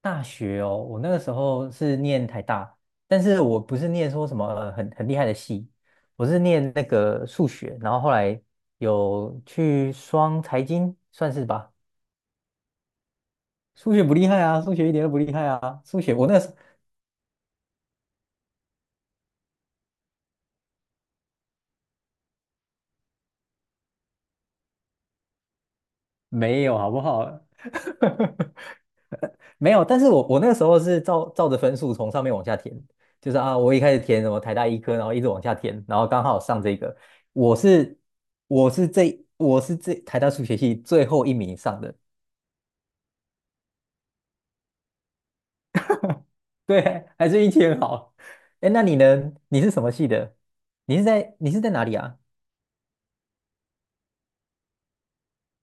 大学哦，我那个时候是念台大，但是我不是念说什么很厉害的系，我是念那个数学，然后后来有去双财经，算是吧。数学不厉害啊，数学一点都不厉害啊，数学我那时没有，好不好？没有，但是我那个时候是照着分数从上面往下填，就是啊，我一开始填什么台大医科，然后一直往下填，然后刚好上这个，我是我是这台大数学系最后一名上的，对，还是运气很好。哎，那你呢？你是什么系的？你是在哪里啊？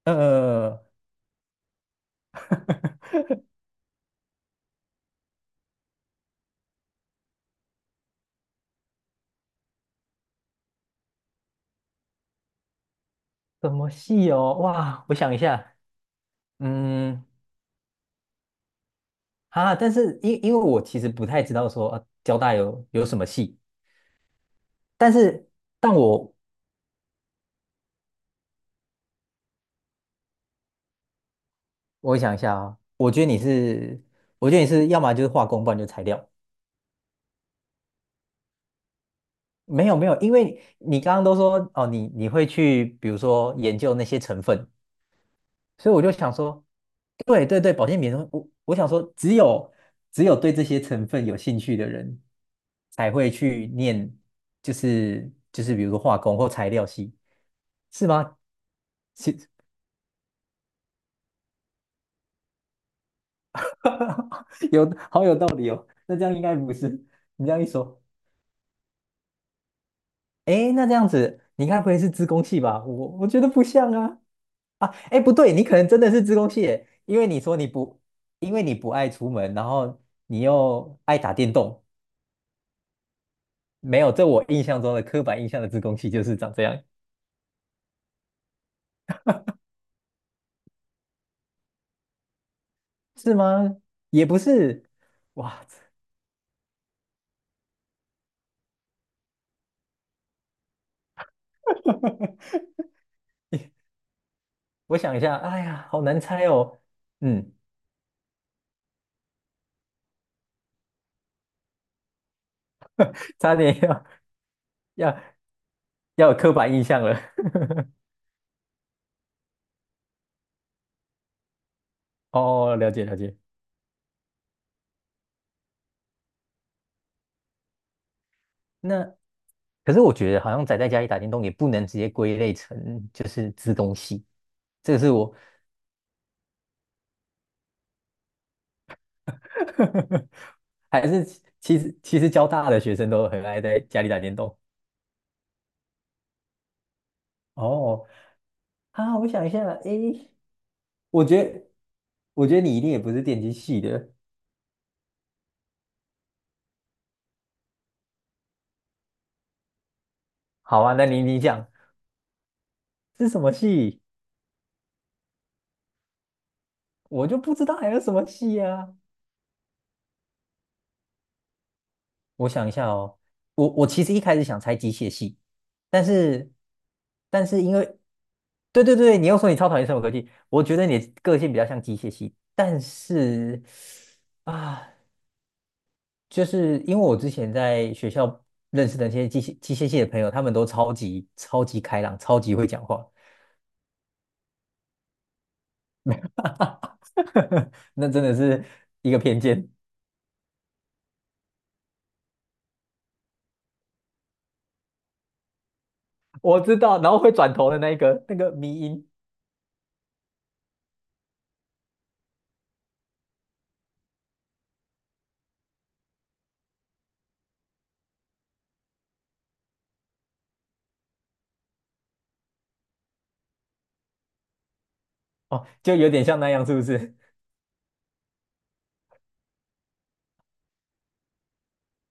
呃，什么系哦？哇，我想一下，嗯，啊，但是因为我其实不太知道说啊，交大有什么系，但是但我想一下啊，我觉得你是，我觉得你是要么就是化工，不然就材料。没有没有，因为你刚刚都说哦，你会去比如说研究那些成分，所以我就想说，对对对，保健品，我想说，只有对这些成分有兴趣的人才会去念，就是比如说化工或材料系，是吗？是 有，好有道理哦。那这样应该不是，你这样一说，哎，那这样子，你该不会是自工器吧？我觉得不像啊。啊，哎，不对，你可能真的是自工器，耶，因为你不爱出门，然后你又爱打电动，没有，这我印象中的刻板印象的自工器就是长这样，是吗？也不是，哇，我想一下，哎呀，好难猜哦。嗯，差点要要有刻板印象了。哦，了解了解。那可是我觉得好像宅在家里打电动也不能直接归类成就是资工系。这个是我 还是其实交大的学生都很爱在家里打电动。哦，啊，我想一下，诶，我觉得我觉得你一定也不是电机系的。好啊，那你讲是什么系？我就不知道还有什么系啊。我想一下哦，我其实一开始想猜机械系，但是但是因为，对对对，你又说你超讨厌生物科技，我觉得你的个性比较像机械系，但是啊，就是因为我之前在学校认识的那些机械系的朋友，他们都超级超级开朗，超级会讲话，那真的是一个偏见，我知道，然后会转头的那个迷音哦，就有点像那样，是不是？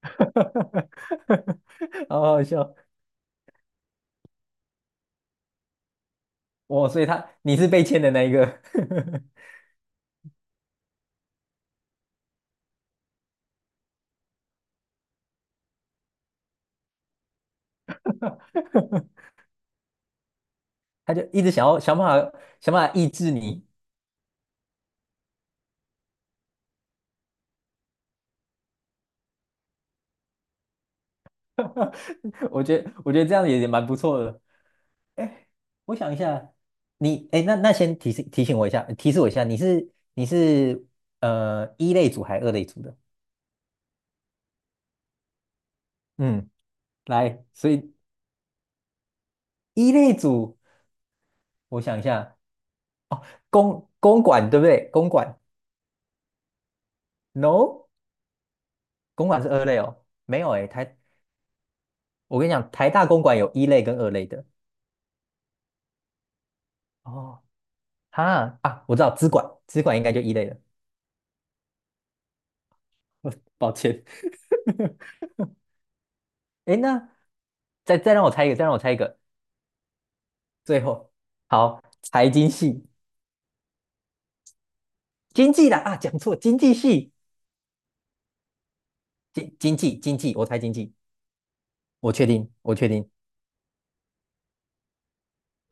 好好笑哦！所以你是被欠的那一个，他就一直想要想办法抑制你。我觉得这样也蛮不错的。哎，我想一下，哎，那先提醒提醒我一下，提示我一下，你是一类组还是二类组的？嗯，来，所以一类组，我想一下，哦，公馆对不对？公馆，no，公馆是二类哦，没有哎，我跟你讲，台大公馆有一类跟二类的。哦，哈，啊，我知道资管，资管应该就一类了，抱歉。哎那再让我猜一个，再让我猜一个，最后好，财经系，经济啦啊，讲错，经济系，经济，我猜经济，我确定，我确定，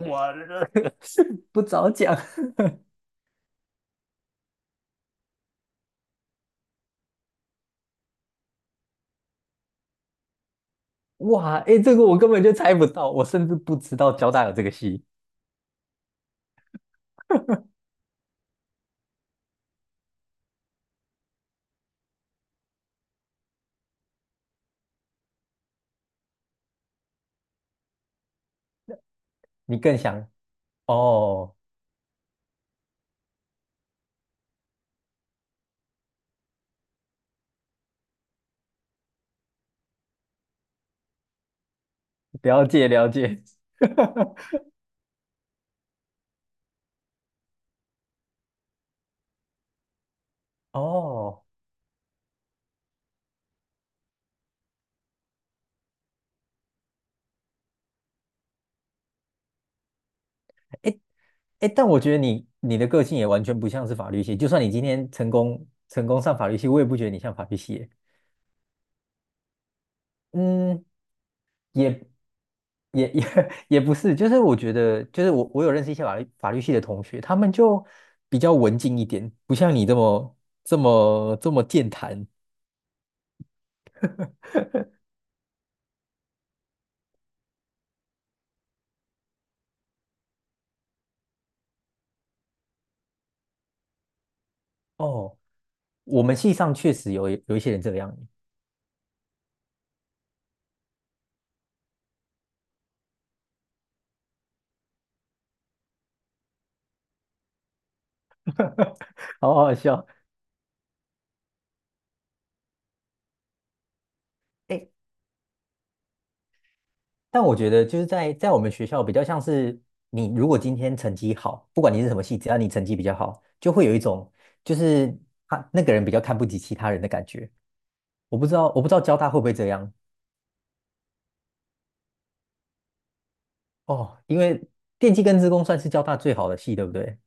哇，不早讲，哇，哎，这个我根本就猜不到，我甚至不知道交大有这个系，你更想，哦，了解了解，哦。哎，哎，但我觉得你的个性也完全不像是法律系，就算你今天成功上法律系，我也不觉得你像法律系耶嗯，也也 也不是，就是我觉得，就是我有认识一些法律系的同学，他们就比较文静一点，不像你这么健谈。哦，我们系上确实有一些人这样，好好笑。哎但我觉得就是在我们学校比较像是你如果今天成绩好，不管你是什么系，只要你成绩比较好，就会有一种就是他那个人比较看不起其他人的感觉。我不知道交大会不会这样哦，因为电气跟资工算是交大最好的系，对不对？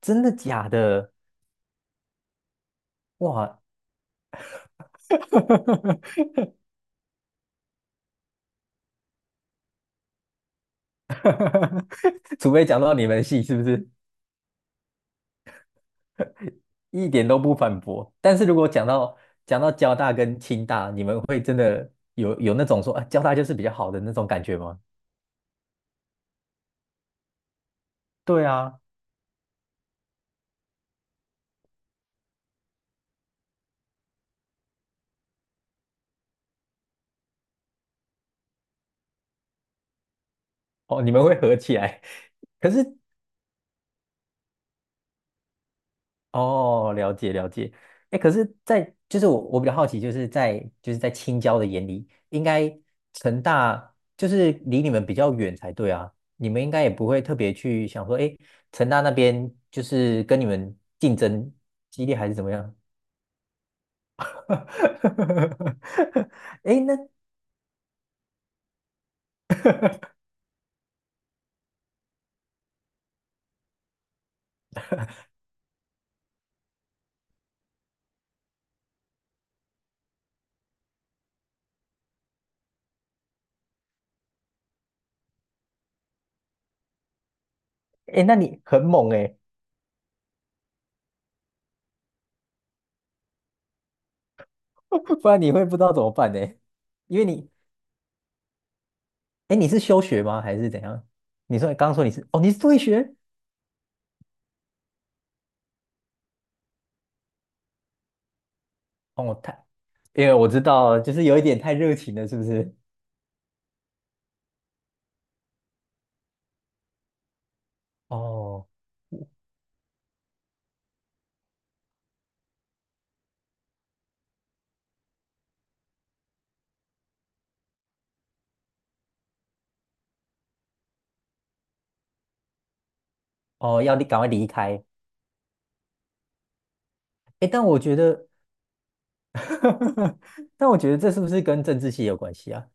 真的假的？哇，除非讲到你们系是不是一点都不反驳？但是如果讲到交大跟清大，你们会真的有那种说啊，交大就是比较好的那种感觉吗？对啊，哦，你们会合起来，可是哦，了解了解。哎，可是在，就是我比较好奇，就是在青椒的眼里，应该成大就是离你们比较远才对啊，你们应该也不会特别去想说，哎，成大那边就是跟你们竞争激烈还是怎么样？哎那哎那你很猛哎，不然你会不知道怎么办呢？因为哎，你是休学吗？还是怎样？刚刚说你是哦，你是退学？哦，因为我知道，就是有一点太热情了，是不是？哦哦，要你赶快离开。诶，但我觉得，但我觉得这是不是跟政治系有关系啊？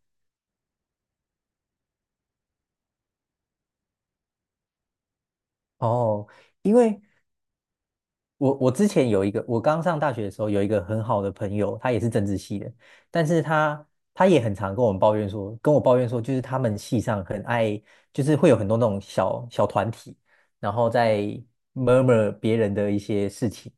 哦，因为我之前有一个，我刚上大学的时候有一个很好的朋友，他也是政治系的，但是他也很常跟我抱怨说，就是他们系上很爱，就是会有很多那种小小团体，然后在 murmur 别人的一些事情，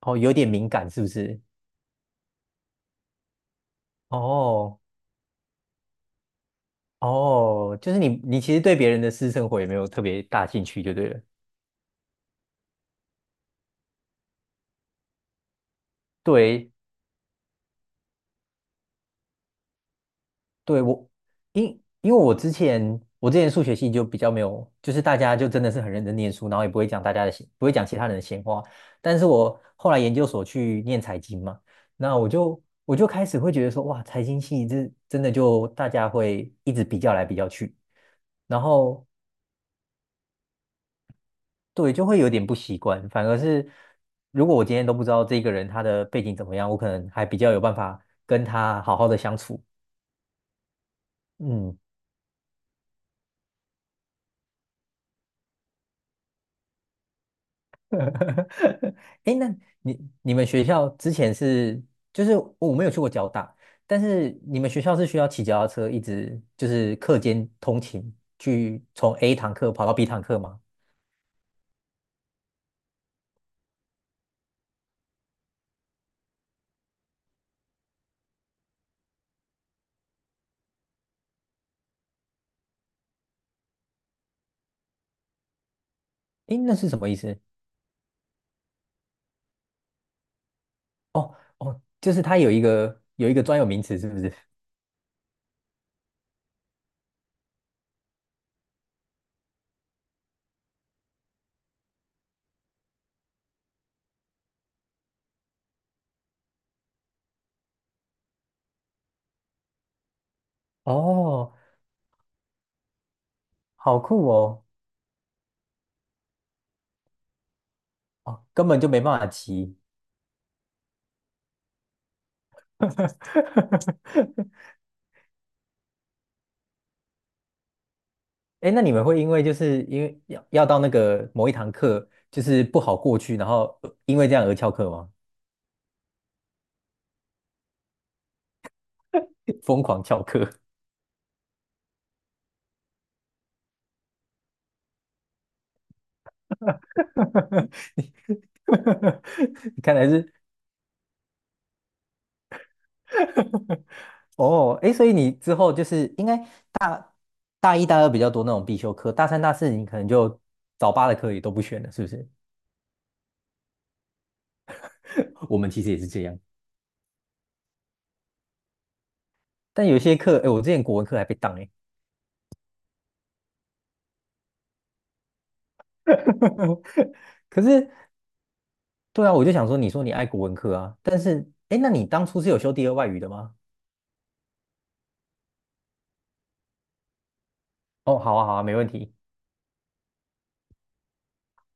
哦，有点敏感，是不是？哦哦，就是你其实对别人的私生活也没有特别大兴趣，就对了。对，对，因为我之前数学系就比较没有，就是大家就真的是很认真念书，然后也不会讲大家的闲，不会讲其他人的闲话。但是我后来研究所去念财经嘛，那我就开始会觉得说，哇，财经系这真的就大家会一直比较来比较去，然后对，就会有点不习惯。反而是如果我今天都不知道这个人他的背景怎么样，我可能还比较有办法跟他好好的相处。嗯，哎那你们学校之前是就是我没有去过交大，但是你们学校是需要骑脚踏车一直就是课间通勤去从 A 堂课跑到 B 堂课吗？哎，那是什么意思？哦哦，就是它有一个专有名词，是不是？哦，好酷哦！哦，根本就没办法骑，哎那你们会因为就是因为要到那个某一堂课，就是不好过去，然后因为这样而翘课吗？疯狂翘课，你 你看来是 哦，哎，所以你之后就是应该大大一、大二比较多那种必修课，大三、大四你可能就早八的课也都不选了，是不是？我们其实也是这样，但有些课，哎，我之前国文课还被当哎，可是对啊，我就想说，你说你爱国文科啊，但是，哎，那你当初是有修第二外语的吗？哦，好啊，好啊，没问题，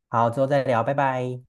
好，之后再聊，拜拜。